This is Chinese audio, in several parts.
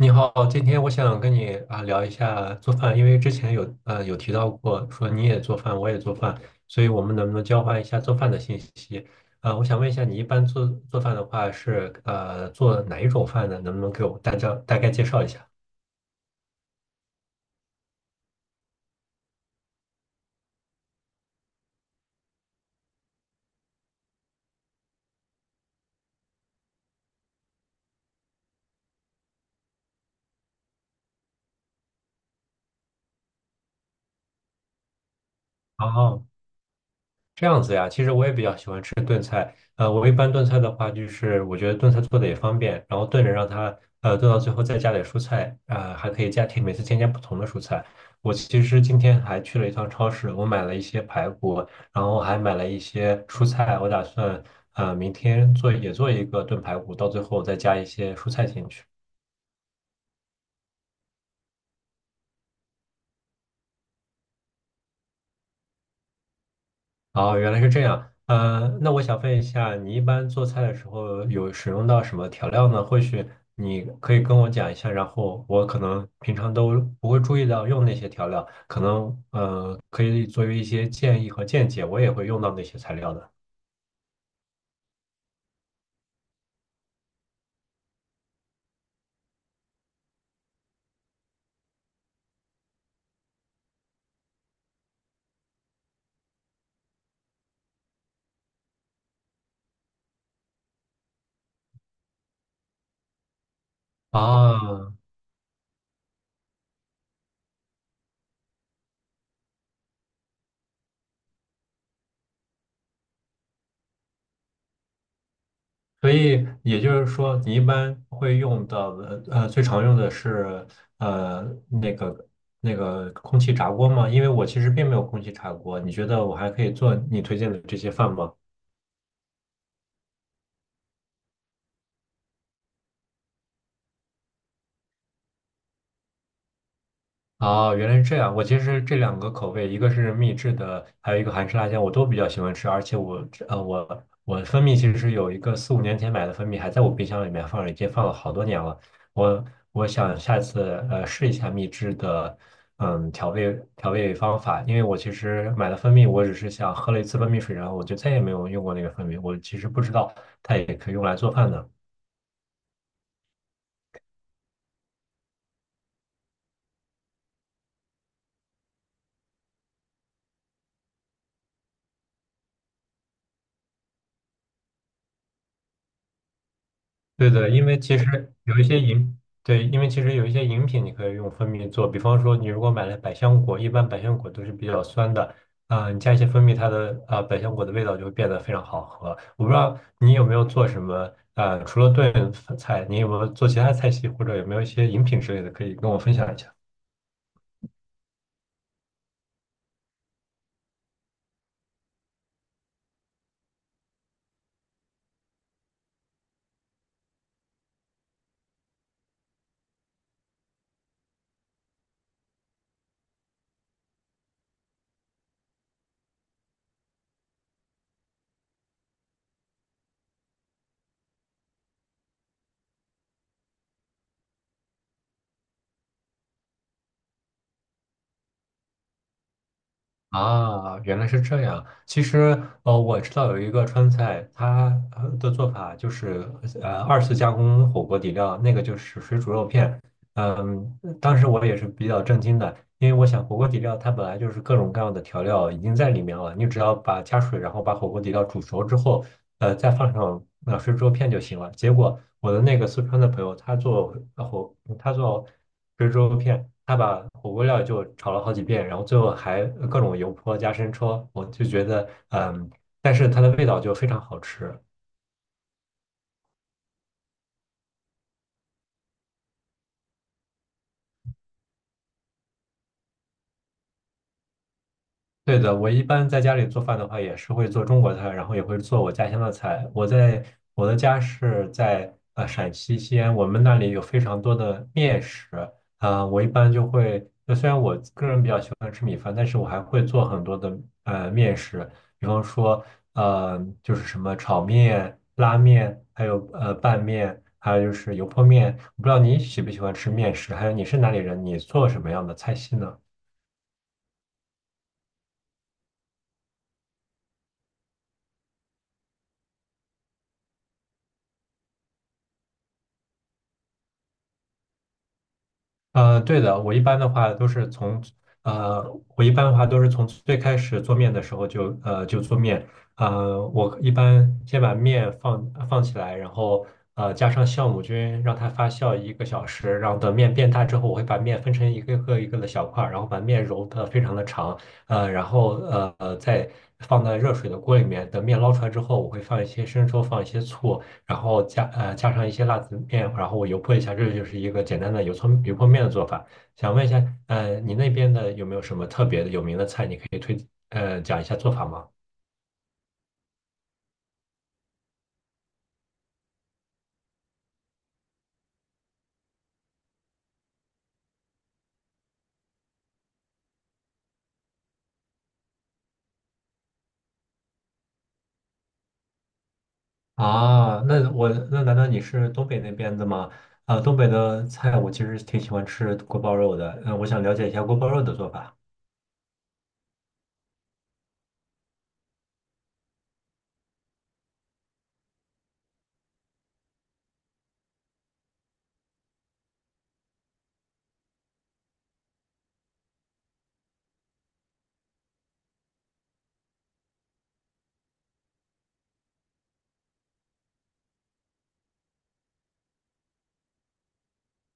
你好，今天我想跟你啊聊一下做饭，因为之前有提到过说你也做饭，我也做饭，所以我们能不能交换一下做饭的信息？我想问一下，你一般做饭的话是做哪一种饭呢？能不能给我大家大概介绍一下？哦这样子呀，其实我也比较喜欢吃炖菜。我一般炖菜的话，就是我觉得炖菜做的也方便，然后炖着让它炖到最后再加点蔬菜，啊、还可以加添每次添加不同的蔬菜。我其实今天还去了一趟超市，我买了一些排骨，然后还买了一些蔬菜，我打算明天做也做一个炖排骨，到最后再加一些蔬菜进去。哦，原来是这样。那我想问一下，你一般做菜的时候有使用到什么调料呢？或许你可以跟我讲一下，然后我可能平常都不会注意到用那些调料，可能可以作为一些建议和见解，我也会用到那些材料的。啊，所以也就是说，你一般会用到的最常用的是呃那个那个空气炸锅吗？因为我其实并没有空气炸锅，你觉得我还可以做你推荐的这些饭吗？哦，原来是这样。我其实这两个口味，一个是秘制的，还有一个韩式辣酱，我都比较喜欢吃。而且我蜂蜜其实是有一个四五年前买的蜂蜜，还在我冰箱里面放着，已经放了好多年了。我我想下次试一下秘制的嗯调味方法，因为我其实买了蜂蜜，我只是想喝了一次蜂蜜水，然后我就再也没有用过那个蜂蜜，我其实不知道它也可以用来做饭的。对的，因为其实有一些饮，对，因为其实有一些饮品你可以用蜂蜜做，比方说你如果买了百香果，一般百香果都是比较酸的，啊、你加一些蜂蜜，它的啊、呃百香果的味道就会变得非常好喝。我不知道你有没有做什么，啊，除了炖菜，你有没有做其他菜系，或者有没有一些饮品之类的，可以跟我分享一下？啊，原来是这样。其实，我知道有一个川菜，它的做法就是，二次加工火锅底料，那个就是水煮肉片。嗯，当时我也是比较震惊的，因为我想火锅底料它本来就是各种各样的调料已经在里面了，你只要把加水，然后把火锅底料煮熟之后，再放上水煮肉片就行了。结果我的那个四川的朋友，他做呃火，他做水煮肉片，他把火锅料就炒了好几遍，然后最后还各种油泼加生抽，我就觉得嗯，但是它的味道就非常好吃。对的，我一般在家里做饭的话，也是会做中国菜，然后也会做我家乡的菜。我的家是在陕西西安，我们那里有非常多的面食，啊、我一般就会，呃虽然我个人比较喜欢吃米饭，但是我还会做很多的面食，比方说呃就是什么炒面、拉面，还有拌面，还有就是油泼面。我不知道你喜不喜欢吃面食，还有你是哪里人，你做什么样的菜系呢？对的，呃，我一般的话都是从最开始做面的时候就，就做面，我一般先把面放起来，然后加上酵母菌，让它发酵1个小时，然后等面变大之后，我会把面分成一个一个的小块儿，然后把面揉的非常的长，然后再放在热水的锅里面，等面捞出来之后，我会放一些生抽，放一些醋，然后加上一些辣子面，然后我油泼一下，这就是一个简单的油葱油泼面的做法。想问一下，你那边的有没有什么特别的有名的菜，你可以讲一下做法吗？啊，那我那难道你是东北那边的吗？呃，东北的菜我其实挺喜欢吃锅包肉的，嗯、我想了解一下锅包肉的做法。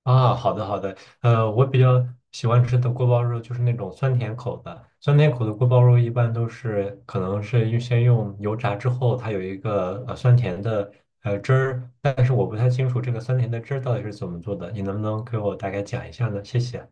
啊，好的好的，我比较喜欢吃的锅包肉就是那种酸甜口的，酸甜口的锅包肉一般都是可能是预先用油炸之后，它有一个酸甜的汁儿，但是我不太清楚这个酸甜的汁儿到底是怎么做的，你能不能给我大概讲一下呢？谢谢。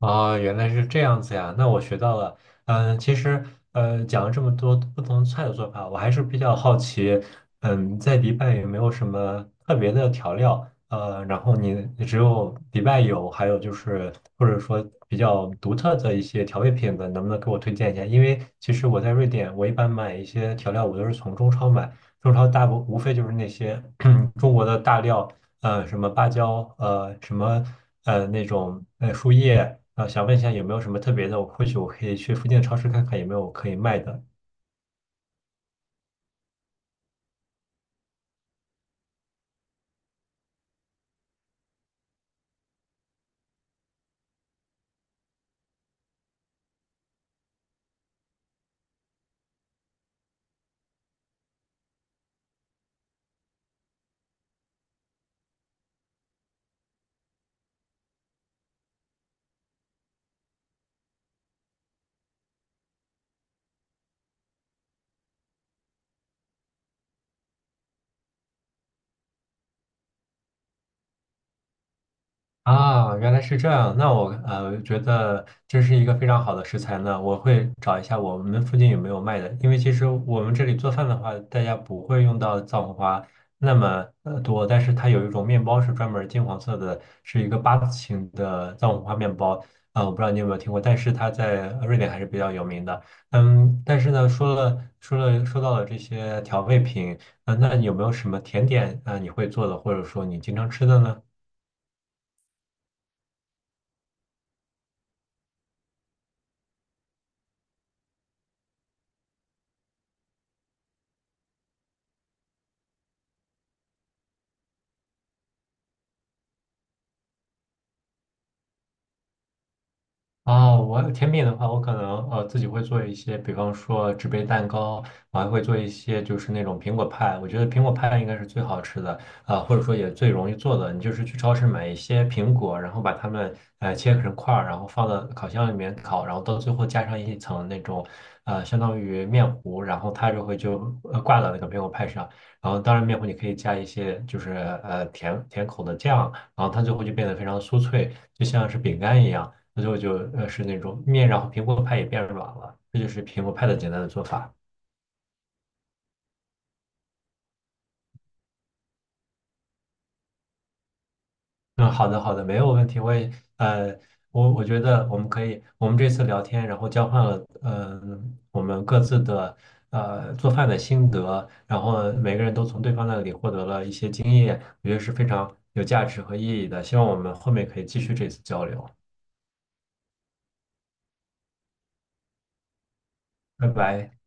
哦，原来是这样子呀，那我学到了。嗯，其实讲了这么多不同菜的做法，我还是比较好奇，嗯，在迪拜有没有什么特别的调料？然后你只有迪拜有，还有就是或者说比较独特的一些调味品的，能不能给我推荐一下？因为其实我在瑞典，我一般买一些调料，我都是从中超买，中超大部无非就是那些 中国的大料。什么芭蕉，呃什么呃那种树叶，想问一下有没有什么特别的，或许我可以去附近的超市看看有没有可以卖的。啊，原来是这样。那我觉得这是一个非常好的食材呢，我会找一下我们附近有没有卖的。因为其实我们这里做饭的话，大家不会用到藏红花那么多，但是它有一种面包是专门金黄色的，是一个八字形的藏红花面包。啊、我不知道你有没有听过，但是它在瑞典还是比较有名的。嗯，但是呢，说到了这些调味品，啊、那有没有什么甜点啊、你会做的，或者说你经常吃的呢？啊，我甜品的话，我可能自己会做一些，比方说纸杯蛋糕，我还会做一些就是那种苹果派。我觉得苹果派应该是最好吃的，啊、或者说也最容易做的。你就是去超市买一些苹果，然后把它们切成块儿，然后放到烤箱里面烤，然后到最后加上一层那种相当于面糊，然后它就会挂到那个苹果派上。然后当然面糊你可以加一些就是甜甜口的酱，然后它最后就变得非常酥脆，就像是饼干一样。所以我就是那种面，然后苹果派也变软了，这就是苹果派的简单的做法。嗯，好的好的，没有问题。我也呃，我觉得我们可以，我们这次聊天，然后交换了我们各自的做饭的心得，然后每个人都从对方那里获得了一些经验，我觉得是非常有价值和意义的。希望我们后面可以继续这次交流。拜拜。